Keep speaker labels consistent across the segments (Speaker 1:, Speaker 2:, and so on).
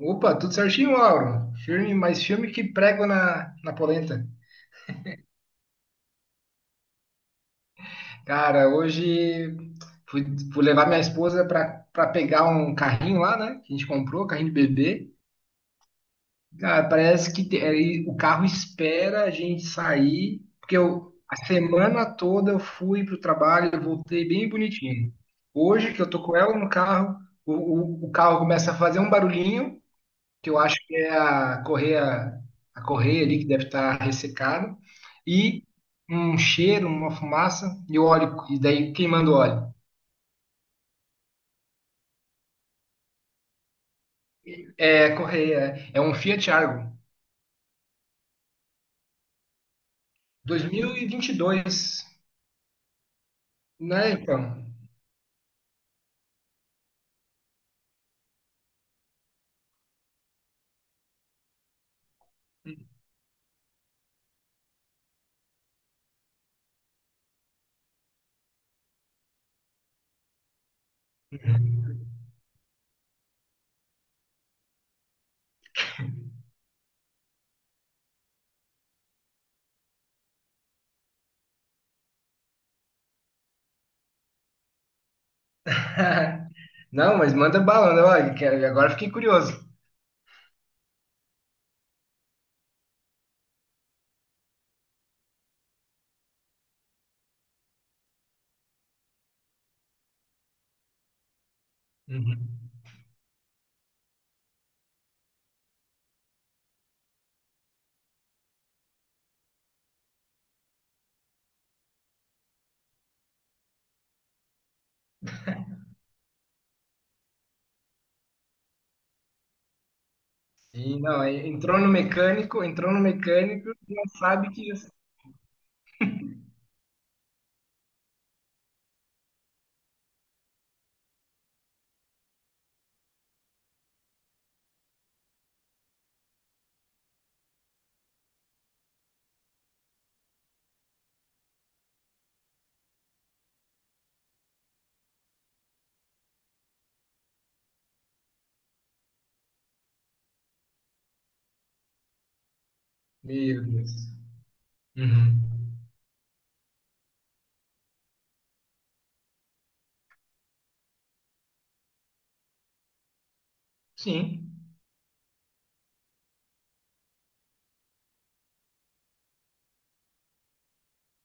Speaker 1: Opa, tudo certinho, Lauro? Firme, mais firme que prego na polenta. Cara, hoje fui, fui levar minha esposa pra pegar um carrinho lá, né? Que a gente comprou, carrinho de bebê. Cara, parece que aí o carro espera a gente sair, porque eu, a semana toda eu fui pro trabalho, e voltei bem bonitinho. Hoje que eu tô com ela no carro, o carro começa a fazer um barulhinho. Que eu acho que é a correia ali que deve estar ressecada, e um cheiro, uma fumaça e o óleo, e daí queimando o óleo. É a correia, é um Fiat Argo, 2022, né, então? Não, mas manda bala, né? Olha, agora fiquei curioso. Uhum. E não, aí entrou no mecânico, não sabe que isso. Meu Deus. Uhum. Sim.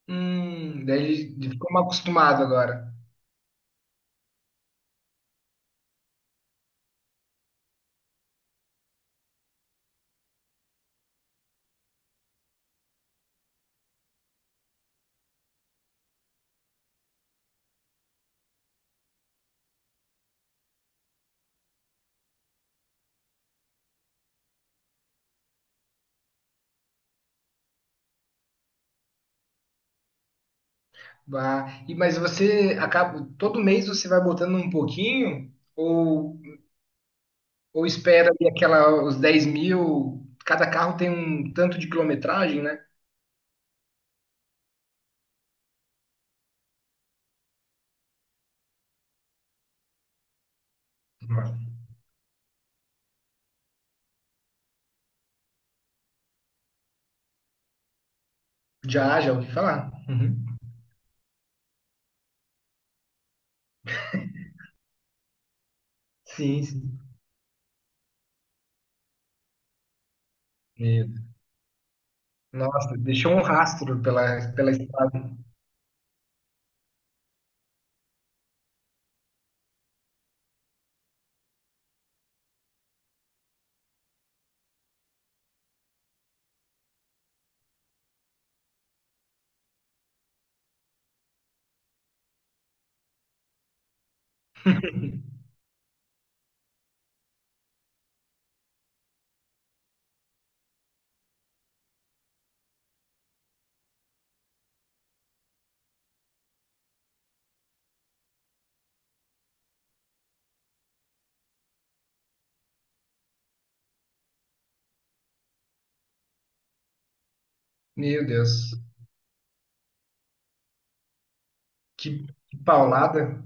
Speaker 1: Daí ele ficou mal acostumado agora. Bah, e mas você acaba todo mês você vai botando um pouquinho, ou espera ali aquela os 10.000? Cada carro tem um tanto de quilometragem, né? Já, já ouvi falar. Uhum. Sim, sim. Meu Deus. Nossa, deixou um rastro pela estrada. Meu Deus, que paulada.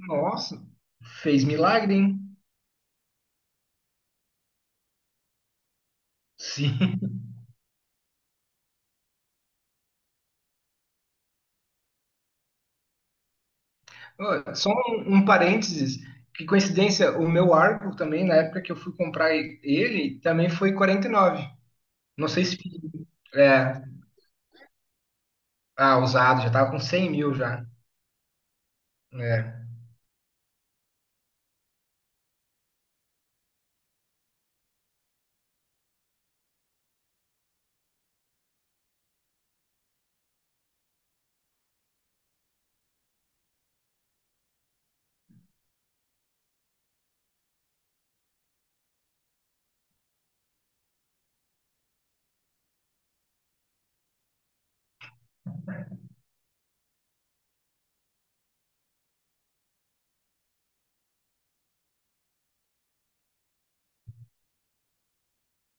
Speaker 1: Nossa, fez milagre, hein? Sim. Ó, só um parênteses, que coincidência, o meu Argo também, na época que eu fui ele, também foi 49. Não sei se... É, ah, usado, já tava com 100 mil já. É,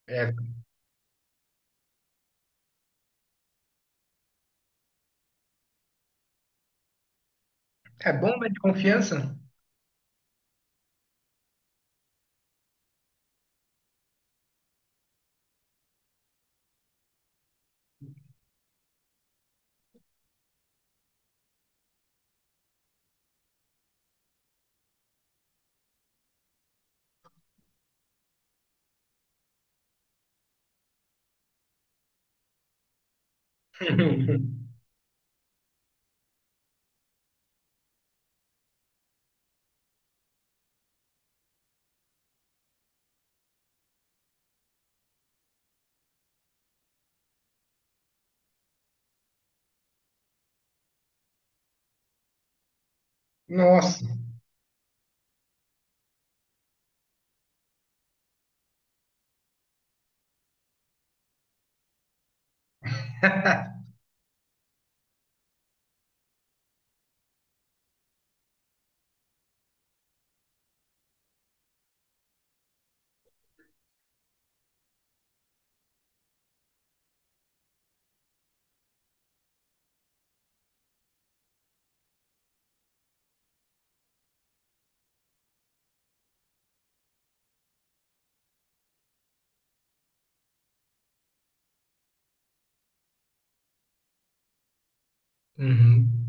Speaker 1: é, é bomba de confiança? Nossa. Uhum.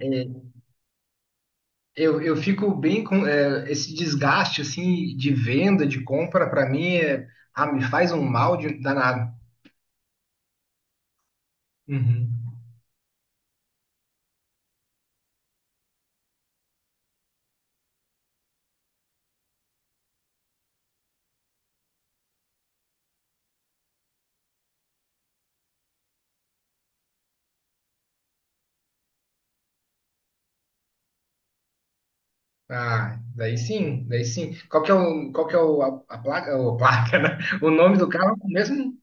Speaker 1: É, eu fico bem com é, esse desgaste assim de venda, de compra, pra mim, é, ah, me faz um mal de, danado. Uhum. Ah, daí sim, daí sim. Qual que é o, qual que é o, a placa, o, placa, né? O nome do carro é o mesmo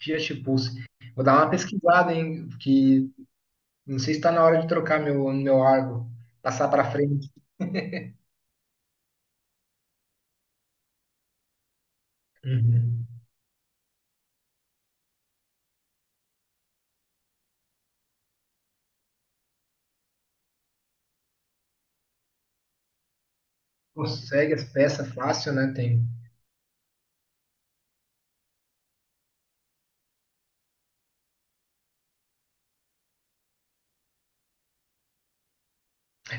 Speaker 1: Fiat Pulse. Vou dar uma pesquisada, hein? Que não sei se está na hora de trocar meu Argo, passar para frente. Uhum. Consegue as peças fácil, né? Tem.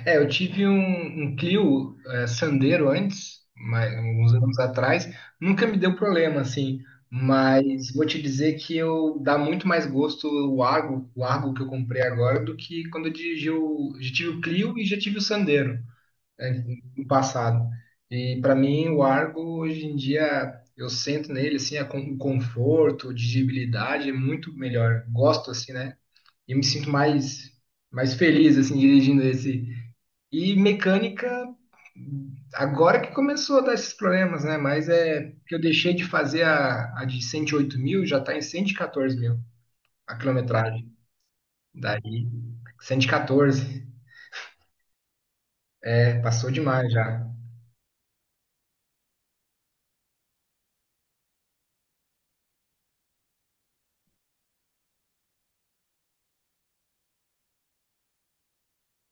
Speaker 1: É, eu tive um Clio, é, Sandero antes, mas, uns anos atrás, nunca me deu problema, assim, mas vou te dizer que eu dá muito mais gosto o Argo que eu comprei agora do que quando eu dirigi o, já tive o Clio e já tive o Sandero, é, no passado. E para mim o Argo hoje em dia eu sento nele assim, o conforto, a dirigibilidade é muito melhor. Gosto assim, né? E me sinto mais feliz assim dirigindo esse e mecânica, agora que começou a dar esses problemas, né? Mas é que eu deixei de fazer a de 108 mil, já tá em 114 mil a quilometragem. Daí, 114, é, passou demais já.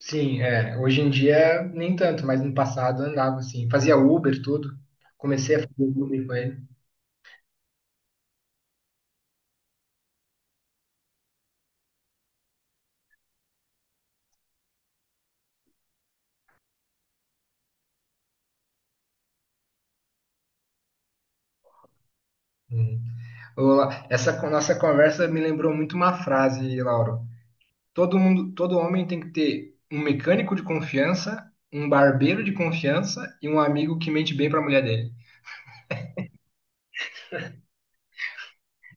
Speaker 1: Sim, é, hoje em dia nem tanto, mas no passado eu andava assim, fazia Uber, tudo. Comecei a fazer Uber com ele. Hum. Ô, nossa conversa me lembrou muito uma frase, Lauro. Todo mundo, todo homem tem que ter um mecânico de confiança, um barbeiro de confiança e um amigo que mente bem para a mulher dele.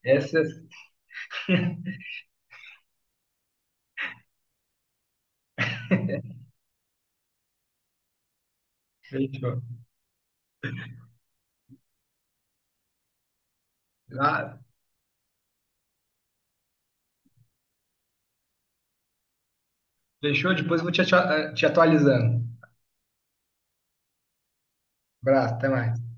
Speaker 1: Essa fechou. Ah, fechou? Depois eu vou te, te atualizando. Abraço, até mais.